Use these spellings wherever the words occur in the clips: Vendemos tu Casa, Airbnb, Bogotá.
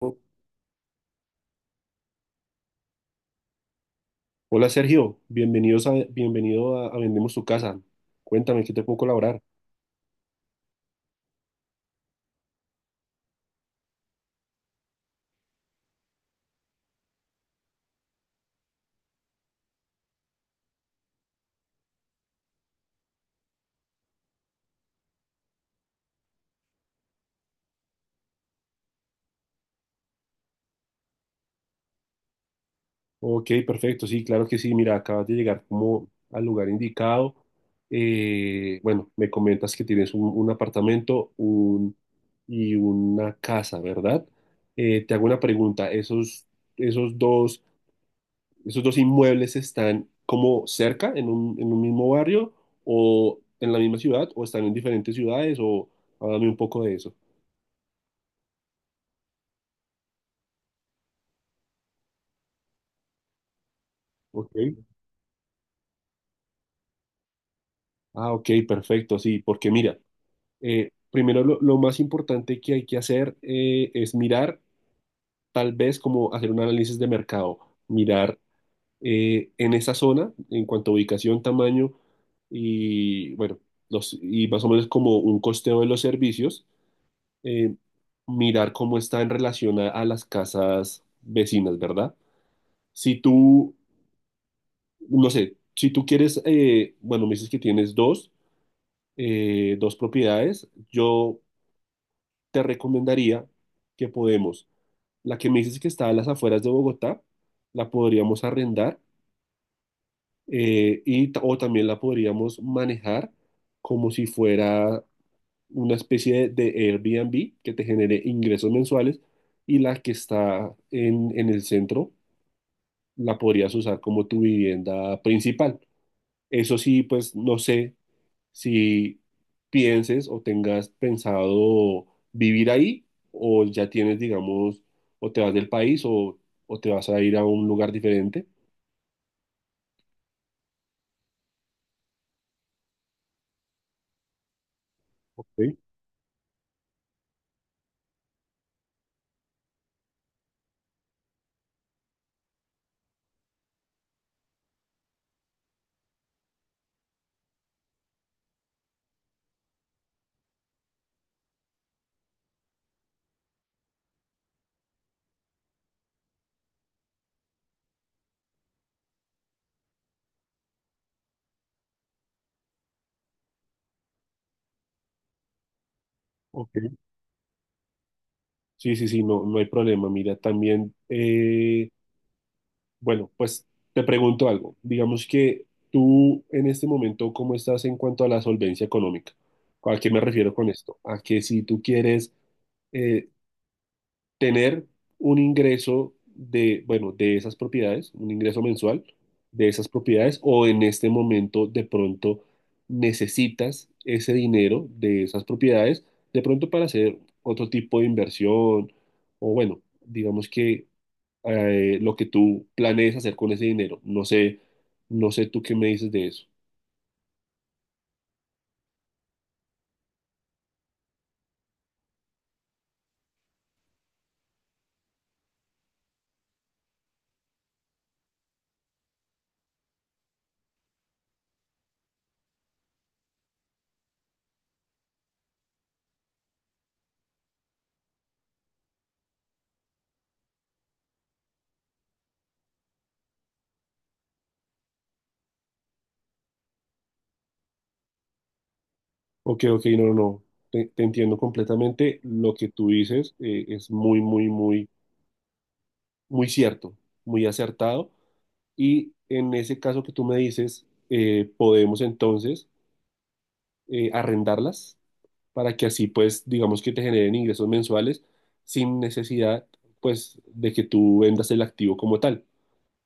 Oh, hola Sergio, bienvenido a Vendemos tu Casa. Cuéntame, ¿qué te puedo colaborar? Ok, perfecto, sí, claro que sí. Mira, acabas de llegar como al lugar indicado. Bueno, me comentas que tienes un apartamento un, y una casa, ¿verdad? Te hago una pregunta. Esos dos, esos dos inmuebles están como cerca, en un mismo barrio, o en la misma ciudad, o están en diferentes ciudades, o háblame un poco de eso. Ok. Ah, ok, perfecto, sí, porque mira, primero lo más importante que hay que hacer es mirar, tal vez como hacer un análisis de mercado, mirar en esa zona, en cuanto a ubicación, tamaño y, bueno, los, y más o menos como un costeo de los servicios, eh, mirar cómo está en relación a las casas vecinas, ¿verdad? Si tú, no sé, si tú quieres, bueno, me dices que tienes dos dos propiedades. Yo te recomendaría que podemos, la que me dices que está a las afueras de Bogotá, la podríamos arrendar y, o también la podríamos manejar como si fuera una especie de Airbnb que te genere ingresos mensuales, y la que está en el centro la podrías usar como tu vivienda principal. Eso sí, pues no sé si pienses o tengas pensado vivir ahí, o ya tienes, digamos, o te vas del país, o te vas a ir a un lugar diferente. Ok, ok. Sí, sí, sí, no, no hay problema. Mira, también, bueno, pues te pregunto algo. Digamos que tú en este momento, ¿cómo estás en cuanto a la solvencia económica? ¿A qué me refiero con esto? A que si tú quieres... eh, tener un ingreso de, bueno, de esas propiedades, un ingreso mensual de esas propiedades, o en este momento de pronto necesitas ese dinero de esas propiedades, de pronto para hacer otro tipo de inversión, o bueno, digamos que lo que tú planees hacer con ese dinero. No sé, no sé tú qué me dices de eso. Ok, ok, no, no, no. Te entiendo completamente. Lo que tú dices es muy, muy, muy, muy cierto, muy acertado. Y en ese caso que tú me dices, podemos entonces arrendarlas para que así pues digamos que te generen ingresos mensuales sin necesidad pues de que tú vendas el activo como tal.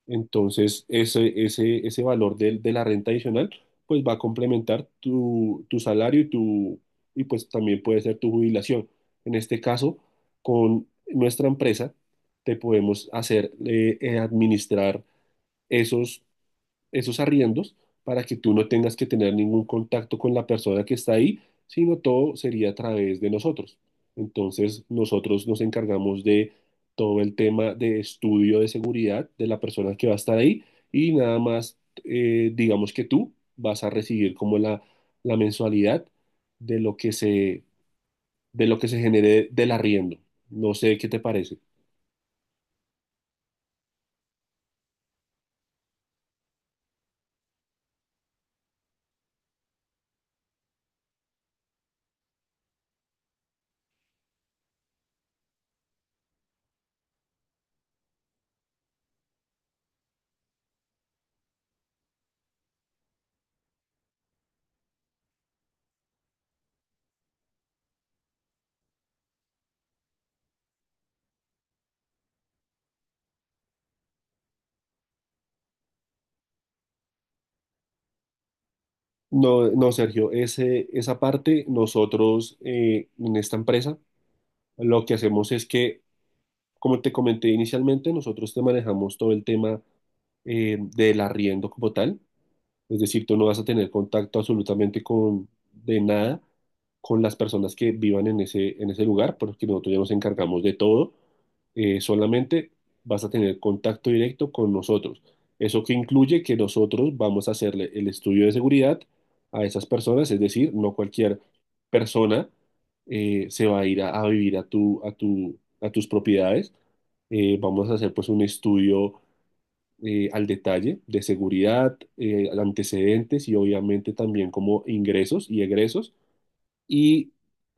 Entonces ese valor la renta adicional pues va a complementar tu, tu salario y, tu, y pues también puede ser tu jubilación. En este caso, con nuestra empresa te podemos hacer administrar esos esos arriendos para que tú no tengas que tener ningún contacto con la persona que está ahí, sino todo sería a través de nosotros. Entonces, nosotros nos encargamos de todo el tema de estudio de seguridad de la persona que va a estar ahí y nada más, digamos que tú vas a recibir como la mensualidad de de lo que se genere del arriendo. No sé qué te parece. No, no, Sergio, ese, esa parte nosotros en esta empresa, lo que hacemos es que, como te comenté inicialmente, nosotros te manejamos todo el tema del arriendo como tal. Es decir, tú no vas a tener contacto absolutamente con, de nada con las personas que vivan en ese lugar, porque nosotros ya nos encargamos de todo. Solamente vas a tener contacto directo con nosotros. Eso que incluye que nosotros vamos a hacerle el estudio de seguridad a esas personas, es decir, no cualquier persona se va a ir a vivir a tu, a tu, a tus propiedades. Vamos a hacer pues un estudio al detalle de seguridad, antecedentes, y obviamente también como ingresos y egresos y,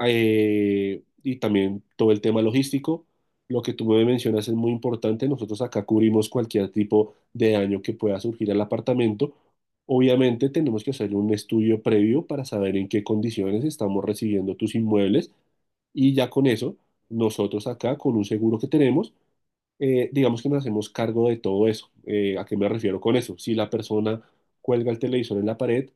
y también todo el tema logístico. Lo que tú me mencionas es muy importante. Nosotros acá cubrimos cualquier tipo de daño que pueda surgir al apartamento. Obviamente tenemos que hacer un estudio previo para saber en qué condiciones estamos recibiendo tus inmuebles, y ya con eso, nosotros acá con un seguro que tenemos, digamos que nos hacemos cargo de todo eso. ¿A qué me refiero con eso? Si la persona cuelga el televisor en la pared,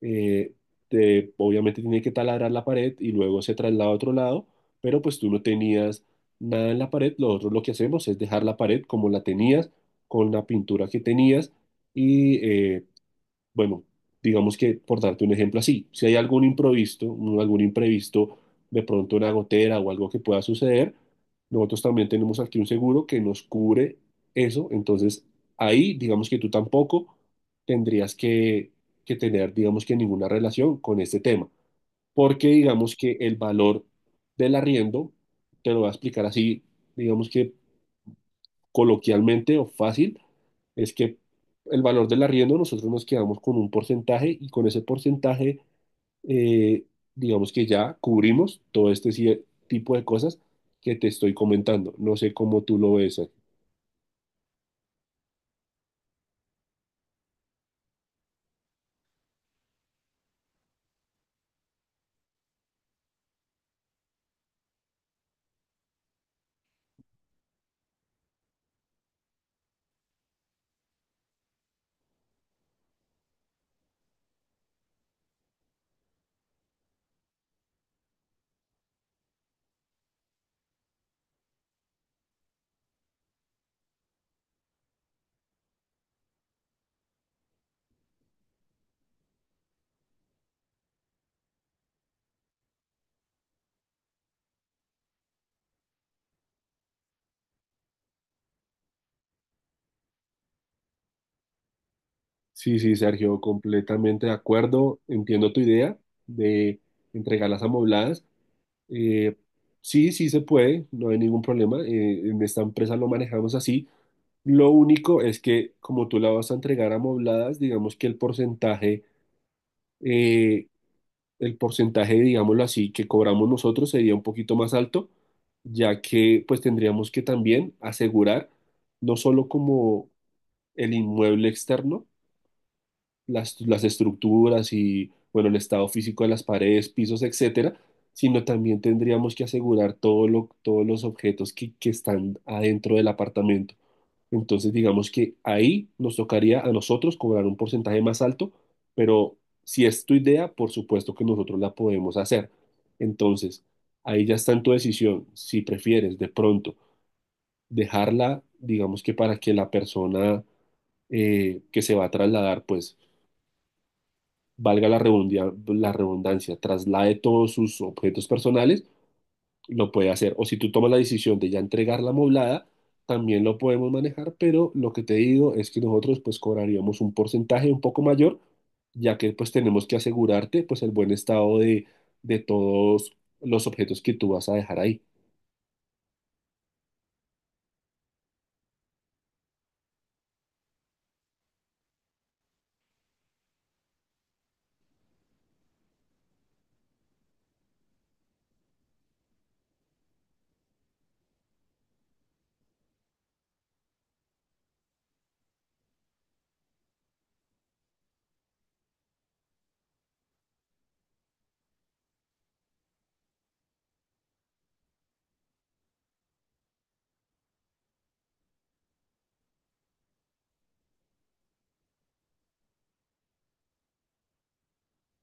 eh, obviamente tiene que taladrar la pared y luego se traslada a otro lado, pero pues tú no tenías nada en la pared. Nosotros lo que hacemos es dejar la pared como la tenías, con la pintura que tenías, y bueno, digamos que, por darte un ejemplo así, si hay algún imprevisto, algún imprevisto, de pronto una gotera o algo que pueda suceder, nosotros también tenemos aquí un seguro que nos cubre eso, entonces ahí, digamos que tú tampoco tendrías que tener, digamos que ninguna relación con este tema, porque digamos que el valor del arriendo, te lo voy a explicar así, digamos que coloquialmente o fácil, es que el valor del arriendo nosotros nos quedamos con un porcentaje, y con ese porcentaje, eh, digamos que ya cubrimos todo este tipo de cosas que te estoy comentando. No sé cómo tú lo ves, Sergio. Sí, sí, Sergio, completamente de acuerdo. Entiendo tu idea de entregar las amobladas. Eh, sí, sí se puede, no hay ningún problema. En esta empresa lo manejamos así. Lo único es que como tú la vas a entregar amobladas, digamos que eh, el porcentaje, digámoslo así, que cobramos nosotros sería un poquito más alto, ya que pues tendríamos que también asegurar no solo como el inmueble externo, las estructuras y, bueno, el estado físico de las paredes, pisos, etcétera, sino también tendríamos que asegurar todos los objetos que están adentro del apartamento. Entonces, digamos que ahí nos tocaría a nosotros cobrar un porcentaje más alto, pero si es tu idea, por supuesto que nosotros la podemos hacer. Entonces, ahí ya está en tu decisión. Si prefieres de pronto dejarla, digamos que para que la persona que se va a trasladar, pues la redundancia, traslade todos sus objetos personales, lo puede hacer. O si tú tomas la decisión de ya entregar la moblada, también lo podemos manejar, pero lo que te digo es que nosotros pues cobraríamos un porcentaje un poco mayor, ya que pues tenemos que asegurarte pues el buen estado de todos los objetos que tú vas a dejar ahí.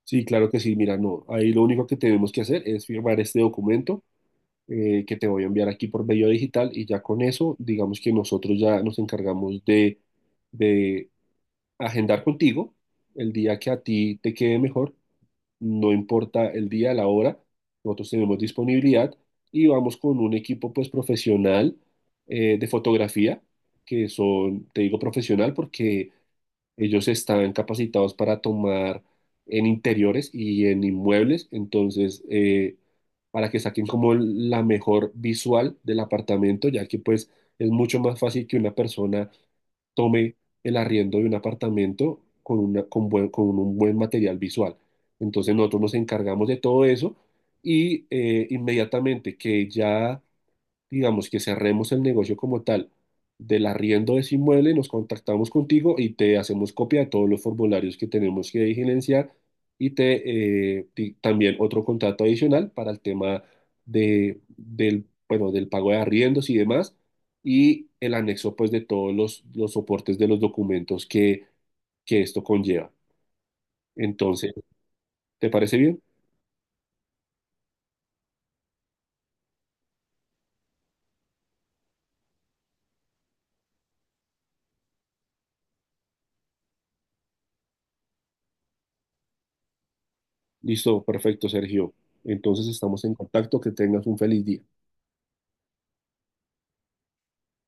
Sí, claro que sí, mira, no, ahí lo único que tenemos que hacer es firmar este documento que te voy a enviar aquí por medio digital, y ya con eso, digamos que nosotros ya nos encargamos de agendar contigo el día que a ti te quede mejor, no importa el día, la hora, nosotros tenemos disponibilidad y vamos con un equipo pues profesional de fotografía, que son, te digo profesional porque ellos estaban capacitados para tomar en interiores y en inmuebles, entonces, para que saquen como la mejor visual del apartamento, ya que pues es mucho más fácil que una persona tome el arriendo de un apartamento con un buen material visual. Entonces nosotros nos encargamos de todo eso, y inmediatamente que ya, digamos, que cerremos el negocio como tal del arriendo de ese inmueble, nos contactamos contigo y te hacemos copia de todos los formularios que tenemos que diligenciar, y te también otro contrato adicional para el tema de, del, bueno, del pago de arriendos y demás, y el anexo pues de todos los soportes de los documentos que esto conlleva. Entonces, ¿te parece bien? Listo, perfecto, Sergio. Entonces estamos en contacto, que tengas un feliz día.